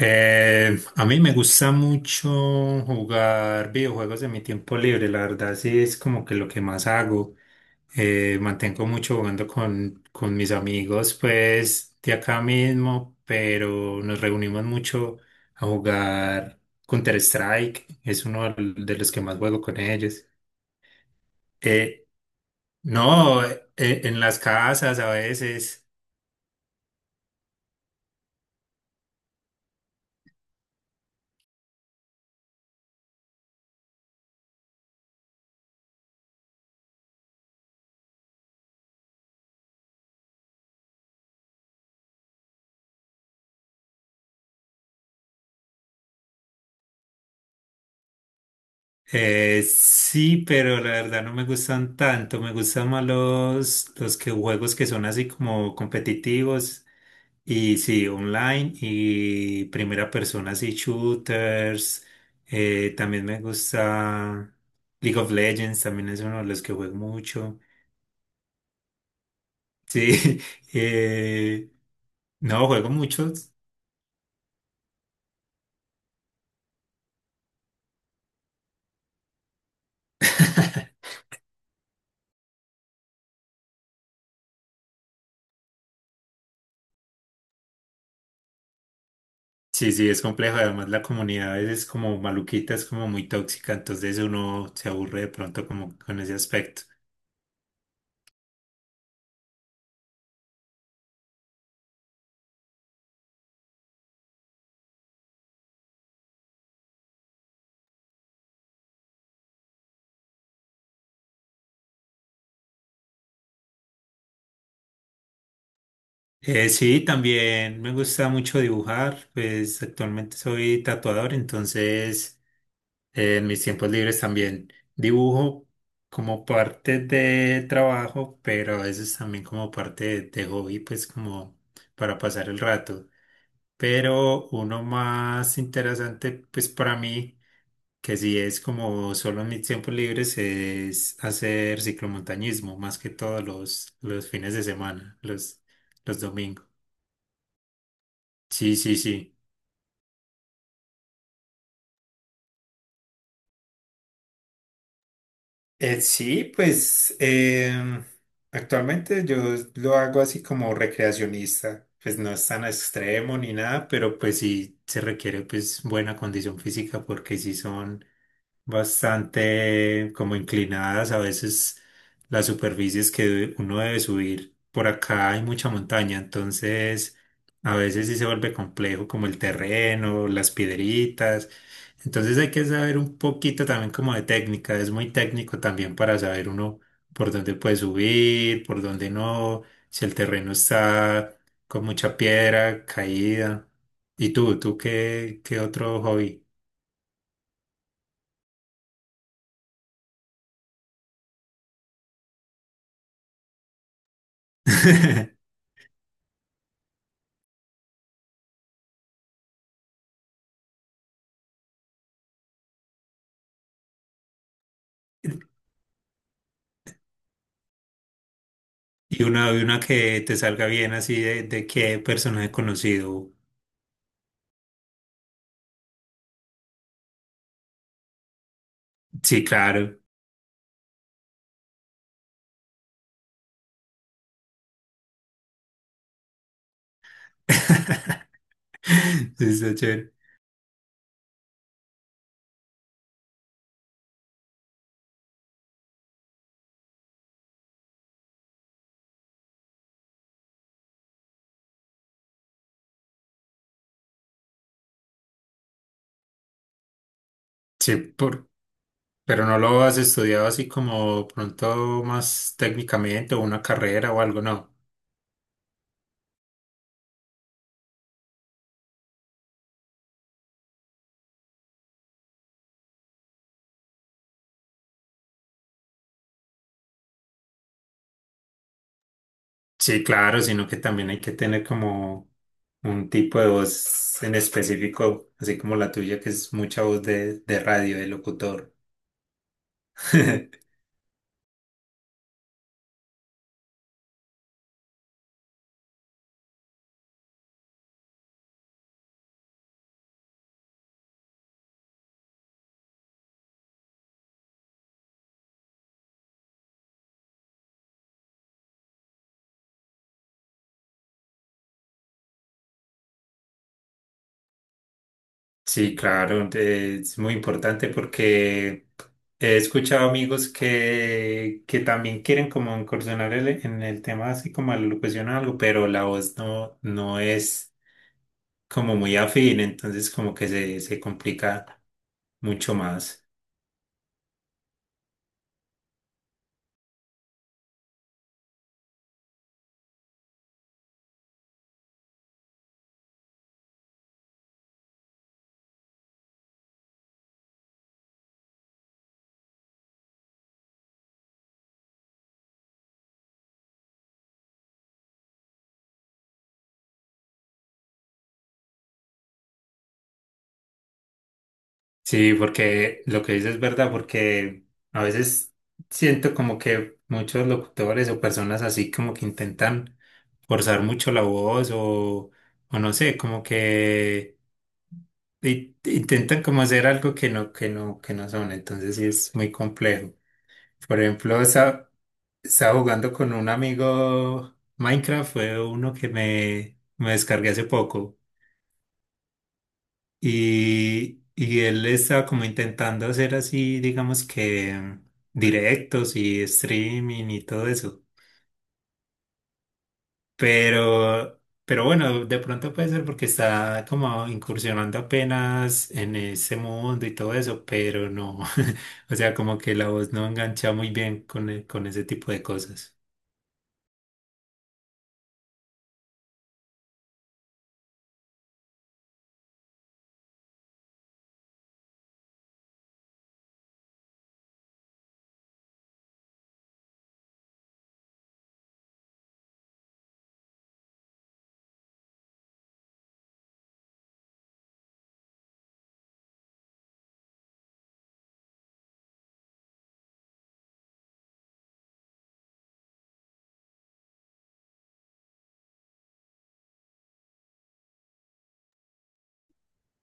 A mí me gusta mucho jugar videojuegos en mi tiempo libre, la verdad sí es como que lo que más hago. Mantengo mucho jugando con mis amigos, pues de acá mismo, pero nos reunimos mucho a jugar Counter-Strike, es uno de los que más juego con ellos. Eh, no, en las casas a veces. Sí, pero la verdad no me gustan tanto. Me gustan más los que juegos que son así como competitivos y sí, online y primera persona, así shooters. También me gusta League of Legends, también es uno de los que juego mucho. Sí, eh, no, juego muchos. Sí, sí, es complejo. Además, la comunidad a veces es como maluquita, es como muy tóxica, entonces uno se aburre de pronto como con ese aspecto. Sí, también me gusta mucho dibujar, pues actualmente soy tatuador, entonces en mis tiempos libres también dibujo como parte de trabajo, pero a veces también como parte de hobby, pues como para pasar el rato. Pero uno más interesante, pues para mí, que si es como solo en mis tiempos libres es hacer ciclomontañismo, más que todos los fines de semana, los domingos. Sí, sí, sí. Sí, pues actualmente yo lo hago así como recreacionista, pues no es tan extremo ni nada, pero pues sí se requiere pues buena condición física porque sí son bastante como inclinadas, a veces las superficies que uno debe subir. Por acá hay mucha montaña, entonces a veces sí se vuelve complejo como el terreno, las piedritas. Entonces hay que saber un poquito también como de técnica, es muy técnico también para saber uno por dónde puede subir, por dónde no, si el terreno está con mucha piedra, caída. ¿Y tú qué, qué otro hobby? Y una que te salga bien así de qué personaje conocido. Sí, claro. Sí, está chévere. Sí, por, pero no lo has estudiado así como pronto más técnicamente o una carrera o algo, no. Sí, claro, sino que también hay que tener como un tipo de voz en específico, así como la tuya, que es mucha voz de radio, de locutor. Sí, claro, es muy importante porque he escuchado amigos que también quieren como incursionar en el tema así como a la locución o algo, pero la voz no, no es como muy afín, entonces como que se complica mucho más. Sí, porque lo que dices es verdad, porque a veces siento como que muchos locutores o personas así como que intentan forzar mucho la voz o no sé, como que intentan como hacer algo que no son, entonces sí es muy complejo. Por ejemplo, estaba jugando con un amigo Minecraft, fue uno que me descargué hace poco y él estaba como intentando hacer así, digamos que directos y streaming y todo eso. Pero bueno, de pronto puede ser porque está como incursionando apenas en ese mundo y todo eso, pero no. O sea, como que la voz no engancha muy bien con, con ese tipo de cosas.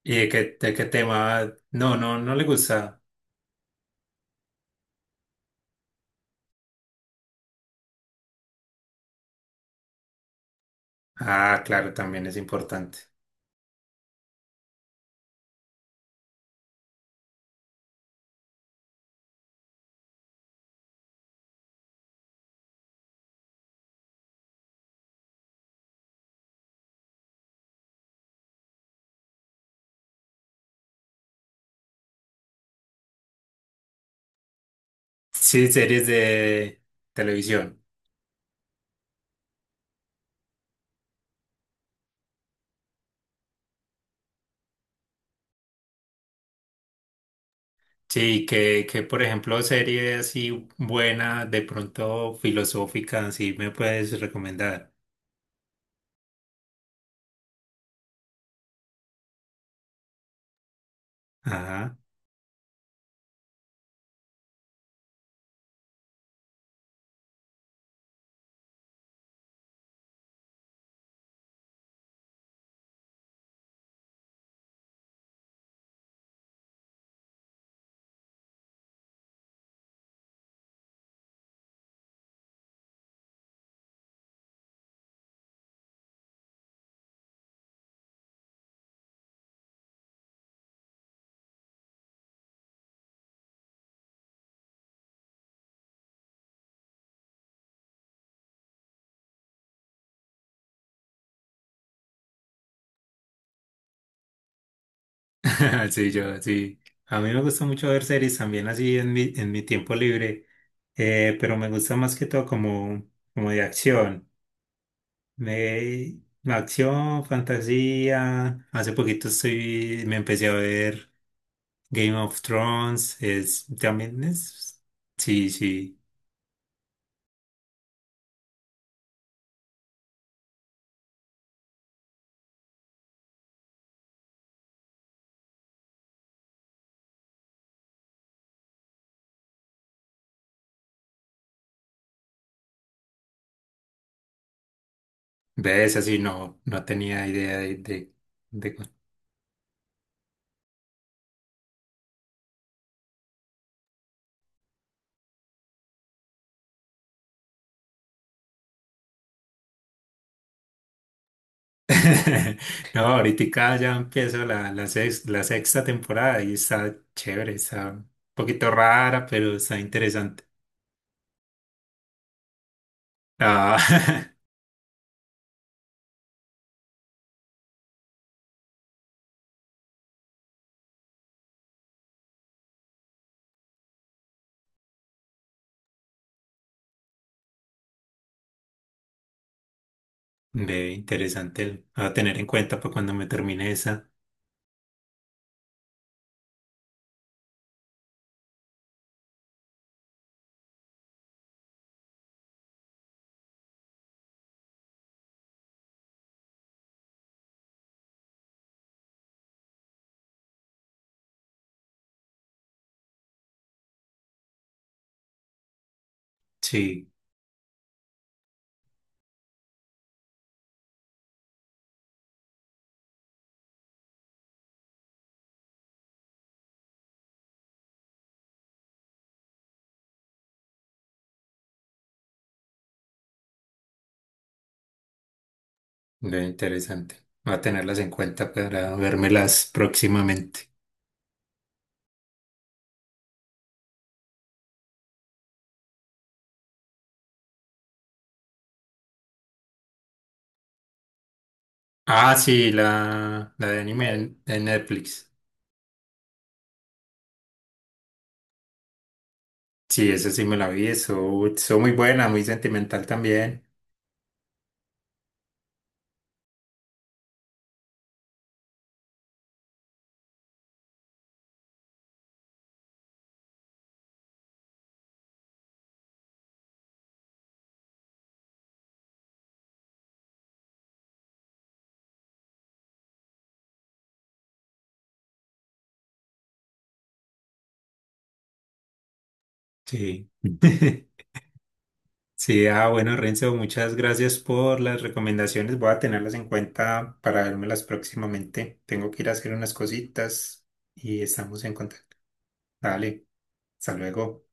¿Y de qué tema? No, no, no le gusta. Ah, claro, también es importante. Sí, series de televisión. Sí, que por ejemplo, series así buenas, de pronto filosóficas, sí me puedes recomendar. Ajá. Sí, yo, sí. A mí me gusta mucho ver series también así en mi tiempo libre, pero me gusta más que todo como, como de acción. Me, acción, fantasía. Hace poquito estoy, me empecé a ver Game of Thrones. Es, también es, sí, sí. Ves, así no, no tenía idea de, de. No, ahorita ya empiezo la, la, la sexta temporada y está chévere, está un poquito rara, pero está interesante. Ah, ve, interesante. Va a tener en cuenta para cuando me termine esa. Sí, ve, interesante. Va a tenerlas en cuenta para vérmelas próximamente. Ah, sí, la de anime de Netflix. Sí, esa sí me la vi, eso muy buena, muy sentimental también. Sí. Sí, ah, bueno, Renzo, muchas gracias por las recomendaciones. Voy a tenerlas en cuenta para vérmelas próximamente. Tengo que ir a hacer unas cositas y estamos en contacto. Dale, hasta luego.